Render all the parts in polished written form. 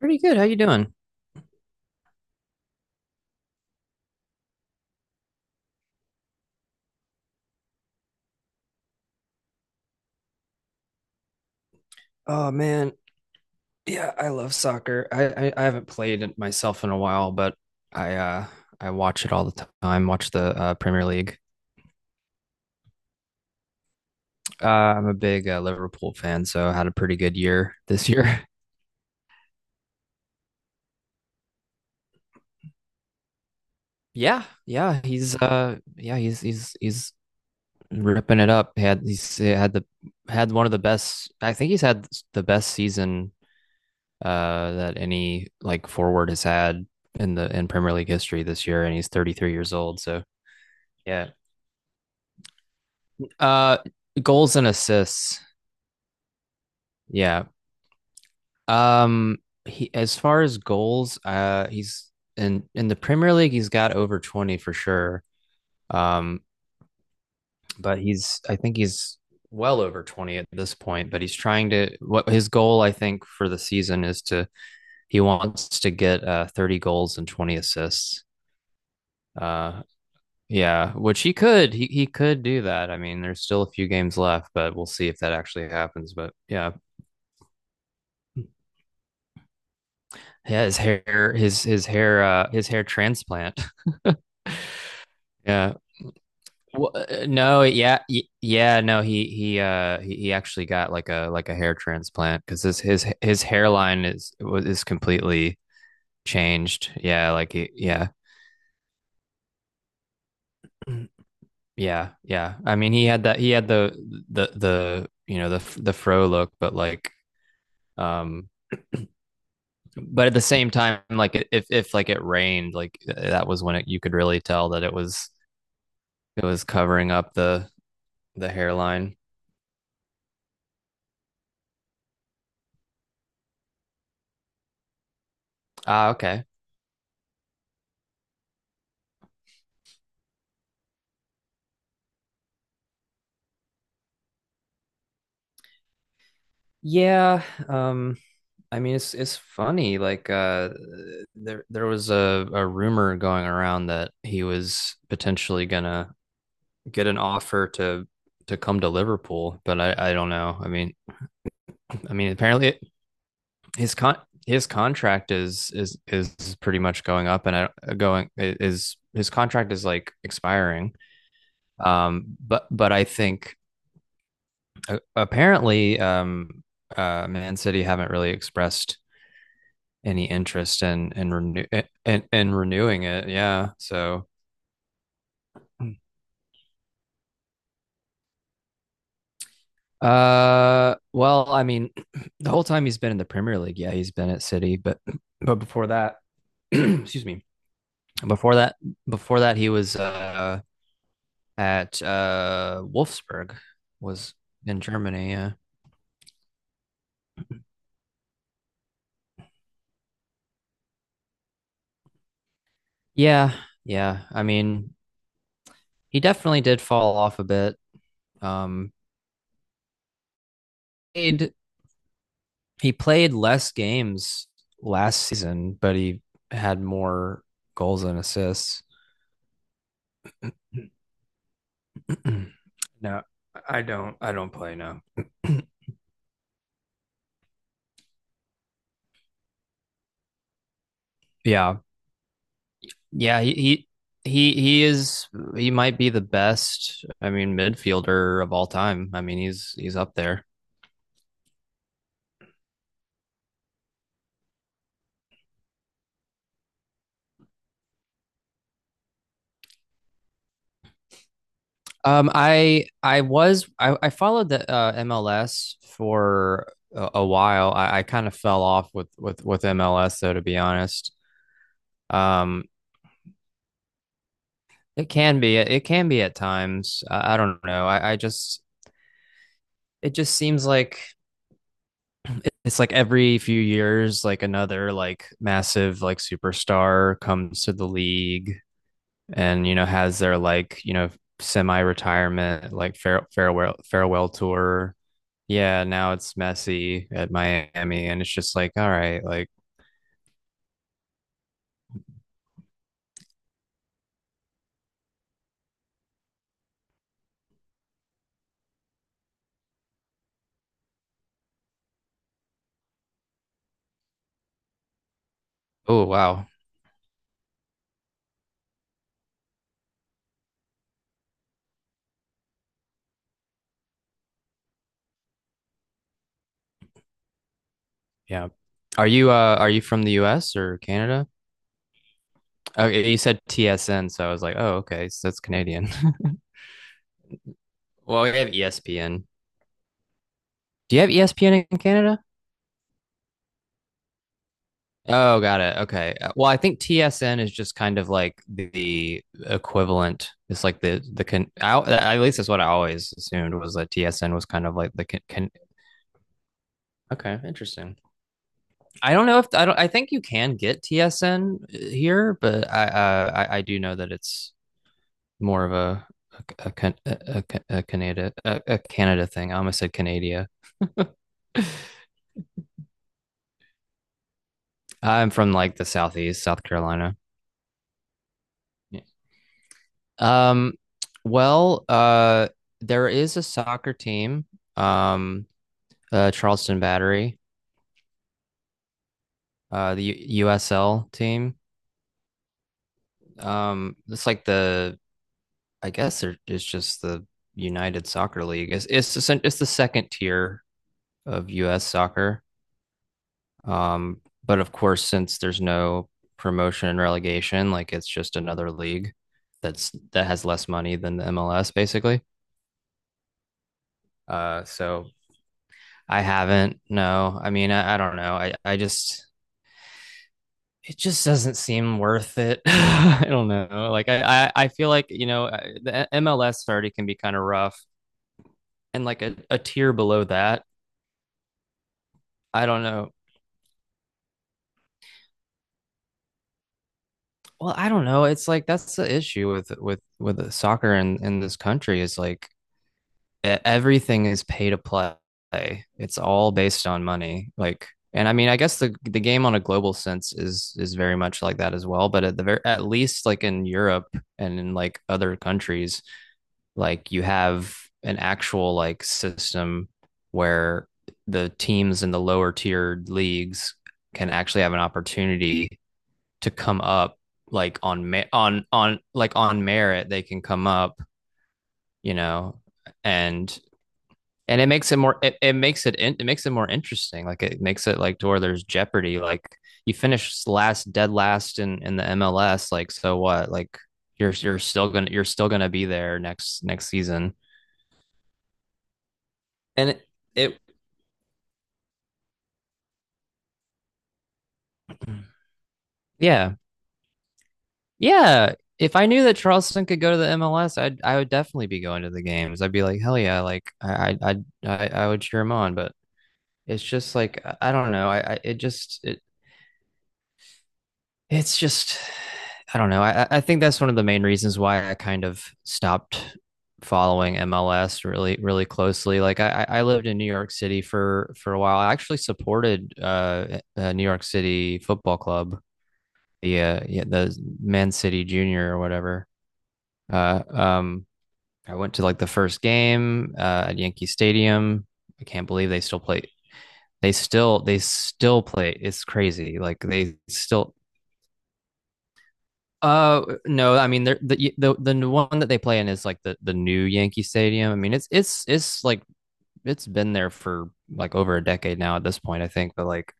Pretty good. How you doing? Oh man, yeah, I love soccer. I haven't played it myself in a while, but I uh I watch it all the time. Watch the Premier League. I'm a big Liverpool fan, so I had a pretty good year this year. Yeah, yeah, he's he's ripping it up. He had one of the best. I think he's had the best season that any like forward has had in the in Premier League history this year, and he's 33 years old. So. Yeah. Uh, Goals and assists. Yeah. Um, he, as far as goals, he's in the Premier League. He's got over 20 for sure. Um, but he's I think he's well over 20 at this point. But he's trying to. What his goal I think for the season is, to he wants to get 30 goals and 20 assists. Uh, yeah, which he could. He could do that. I mean, there's still a few games left, but we'll see if that actually happens. But yeah, yeah his hair transplant. Yeah, well, no yeah yeah no he he actually got like a hair transplant because his hairline is completely changed. Yeah, like he, yeah yeah yeah I mean he had the the fro look, but like. um but at the same time, like, if like it rained, like that was when you could really tell that it was covering up the hairline. Ah, okay. Yeah. Um, I mean, it's funny. Like there was a rumor going around that he was potentially gonna get an offer to come to Liverpool, but I don't know. I mean, I mean apparently it, his con his contract is pretty much going up, and I going is his contract is like expiring. But I think apparently, Man City haven't really expressed any interest in in renewing it. Yeah, so. Well, I mean, the whole time he's been in the Premier League, yeah, he's been at City, but but before that, excuse me, before that, before that, he was at Wolfsburg, was in Germany. Yeah, yeah, yeah. I mean, he definitely did fall off a bit. Um, played He played less games last season, but he had more goals and assists. No, I don't. I don't play now. Yeah, yeah. He is. He might be the best, I mean, midfielder of all time. I mean, he's up there. I I followed the MLS for a while. I kind of fell off with MLS though, to be honest. Um, It can be. It can be at times. I don't know. I just it just seems like it's like every few years, like another like massive like superstar comes to the league, and you know has their like you know semi-retirement like farewell tour. Yeah, now it's Messi at Miami, and it's just like all right, like oh wow, yeah. Are you from the U.S. or Canada? Oh, you said TSN, so I was like, oh okay, so that's Canadian. Well, we have ESPN. Do you have ESPN in Canada? Oh, got it. Okay. Well, I think TSN is just kind of like the equivalent. It's like the can. At least that's what I always assumed, was that TSN was kind of like the can. Can okay, interesting. I don't know if I don't. I think you can get TSN here, but I I do know that it's more of a, a, a, a Canada a Canada thing. I almost said Canada. I'm from like the southeast, South Carolina. Yeah. Um, well, uh, there is a soccer team, um, Charleston Battery, USL team. It's like the, it's just the United Soccer League. It's it's the second tier of U.S. soccer. But of course, since there's no promotion and relegation, like it's just another league that's that has less money than the MLS, basically. So I haven't. No, I mean, I don't know. I just, it just doesn't seem worth it. I don't know. Like, I feel like, you know, the MLS already can be kind of rough and like a tier below that. I don't know. Well, I don't know. It's like that's the issue with soccer in this country is like everything is pay to play. It's all based on money. Like, and I mean, I guess the game on a global sense is very much like that as well. But at the very at least, like in Europe and in like other countries, like you have an actual like system where the teams in the lower tiered leagues can actually have an opportunity to come up, like on me- on like on merit they can come up, you know. and and it makes it more it makes it more interesting. Like it makes it like to where there's jeopardy. Like you finish last, dead last in the MLS, like, so what? Like you're still gonna be there next next season, and it yeah, yeah. If I knew that Charleston could go to the MLS, I would definitely be going to the games. I'd be like hell yeah, like I would cheer him on. But it's just like I don't know I, it just it, it's just I don't know. I think that's one of the main reasons why I kind of stopped following MLS really really closely. Like I lived in New York City for a while. I actually supported New York City Football Club, the Man City Junior or whatever. Uh, um, I went to like the first game at Yankee Stadium. I can't believe they still play. They still play. It's crazy. Like they still. No, I mean the one that they play in is like the new Yankee Stadium. I mean, it's like it's been there for like over a decade now at this point, I think. But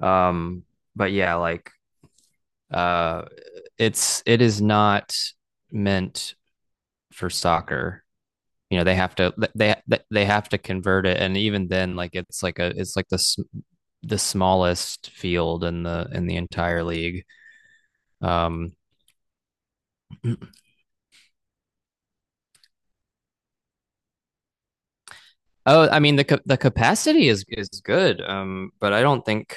um, but yeah, like, uh, it's it is not meant for soccer. You know, they have to convert it, and even then, like it's like the smallest field in the entire league. Um, Oh, I mean the the capacity is good, but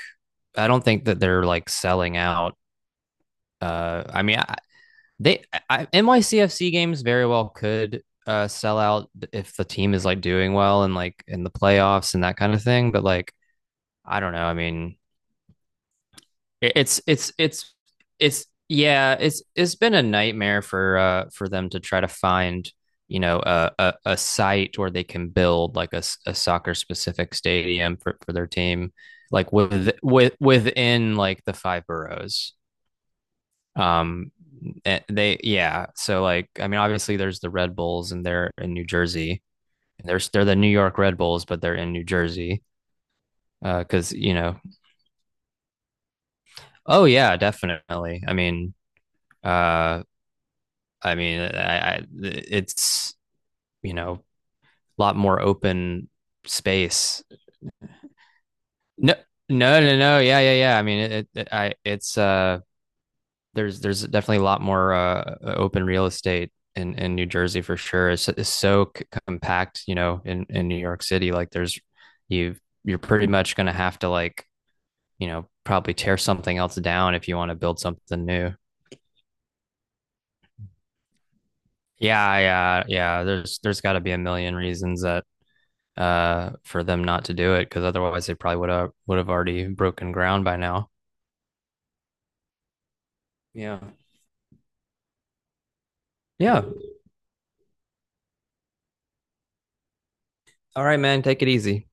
I don't think that they're like selling out. I mean, they NYCFC games very well could sell out if the team is like doing well and like in the playoffs and that kind of thing. But like, I don't know. I mean, It's it's it's it's it's been a nightmare for them to try to find, you know, a site where they can build like a soccer specific stadium for their team, like with within like the five boroughs. Um so, like, I mean, obviously there's the Red Bulls and they're in New Jersey. There's They're the New York Red Bulls, but they're in New Jersey. uh because you know, oh yeah, definitely. I mean, uh I, it's, you know, a lot more open space. No, no, no, no. Yeah, yeah, yeah. I mean, it I it's there's definitely a lot more open real estate in New Jersey, for sure. It's so compact, you know, in New York City. Like, there's you you're pretty much gonna have to like, you know, probably tear something else down if you want to build something new. Yeah, yeah, yeah. There's got to be a million reasons that for them not to do it, because otherwise they probably would have already broken ground by now. Yeah. Yeah. All right, man. Take it easy.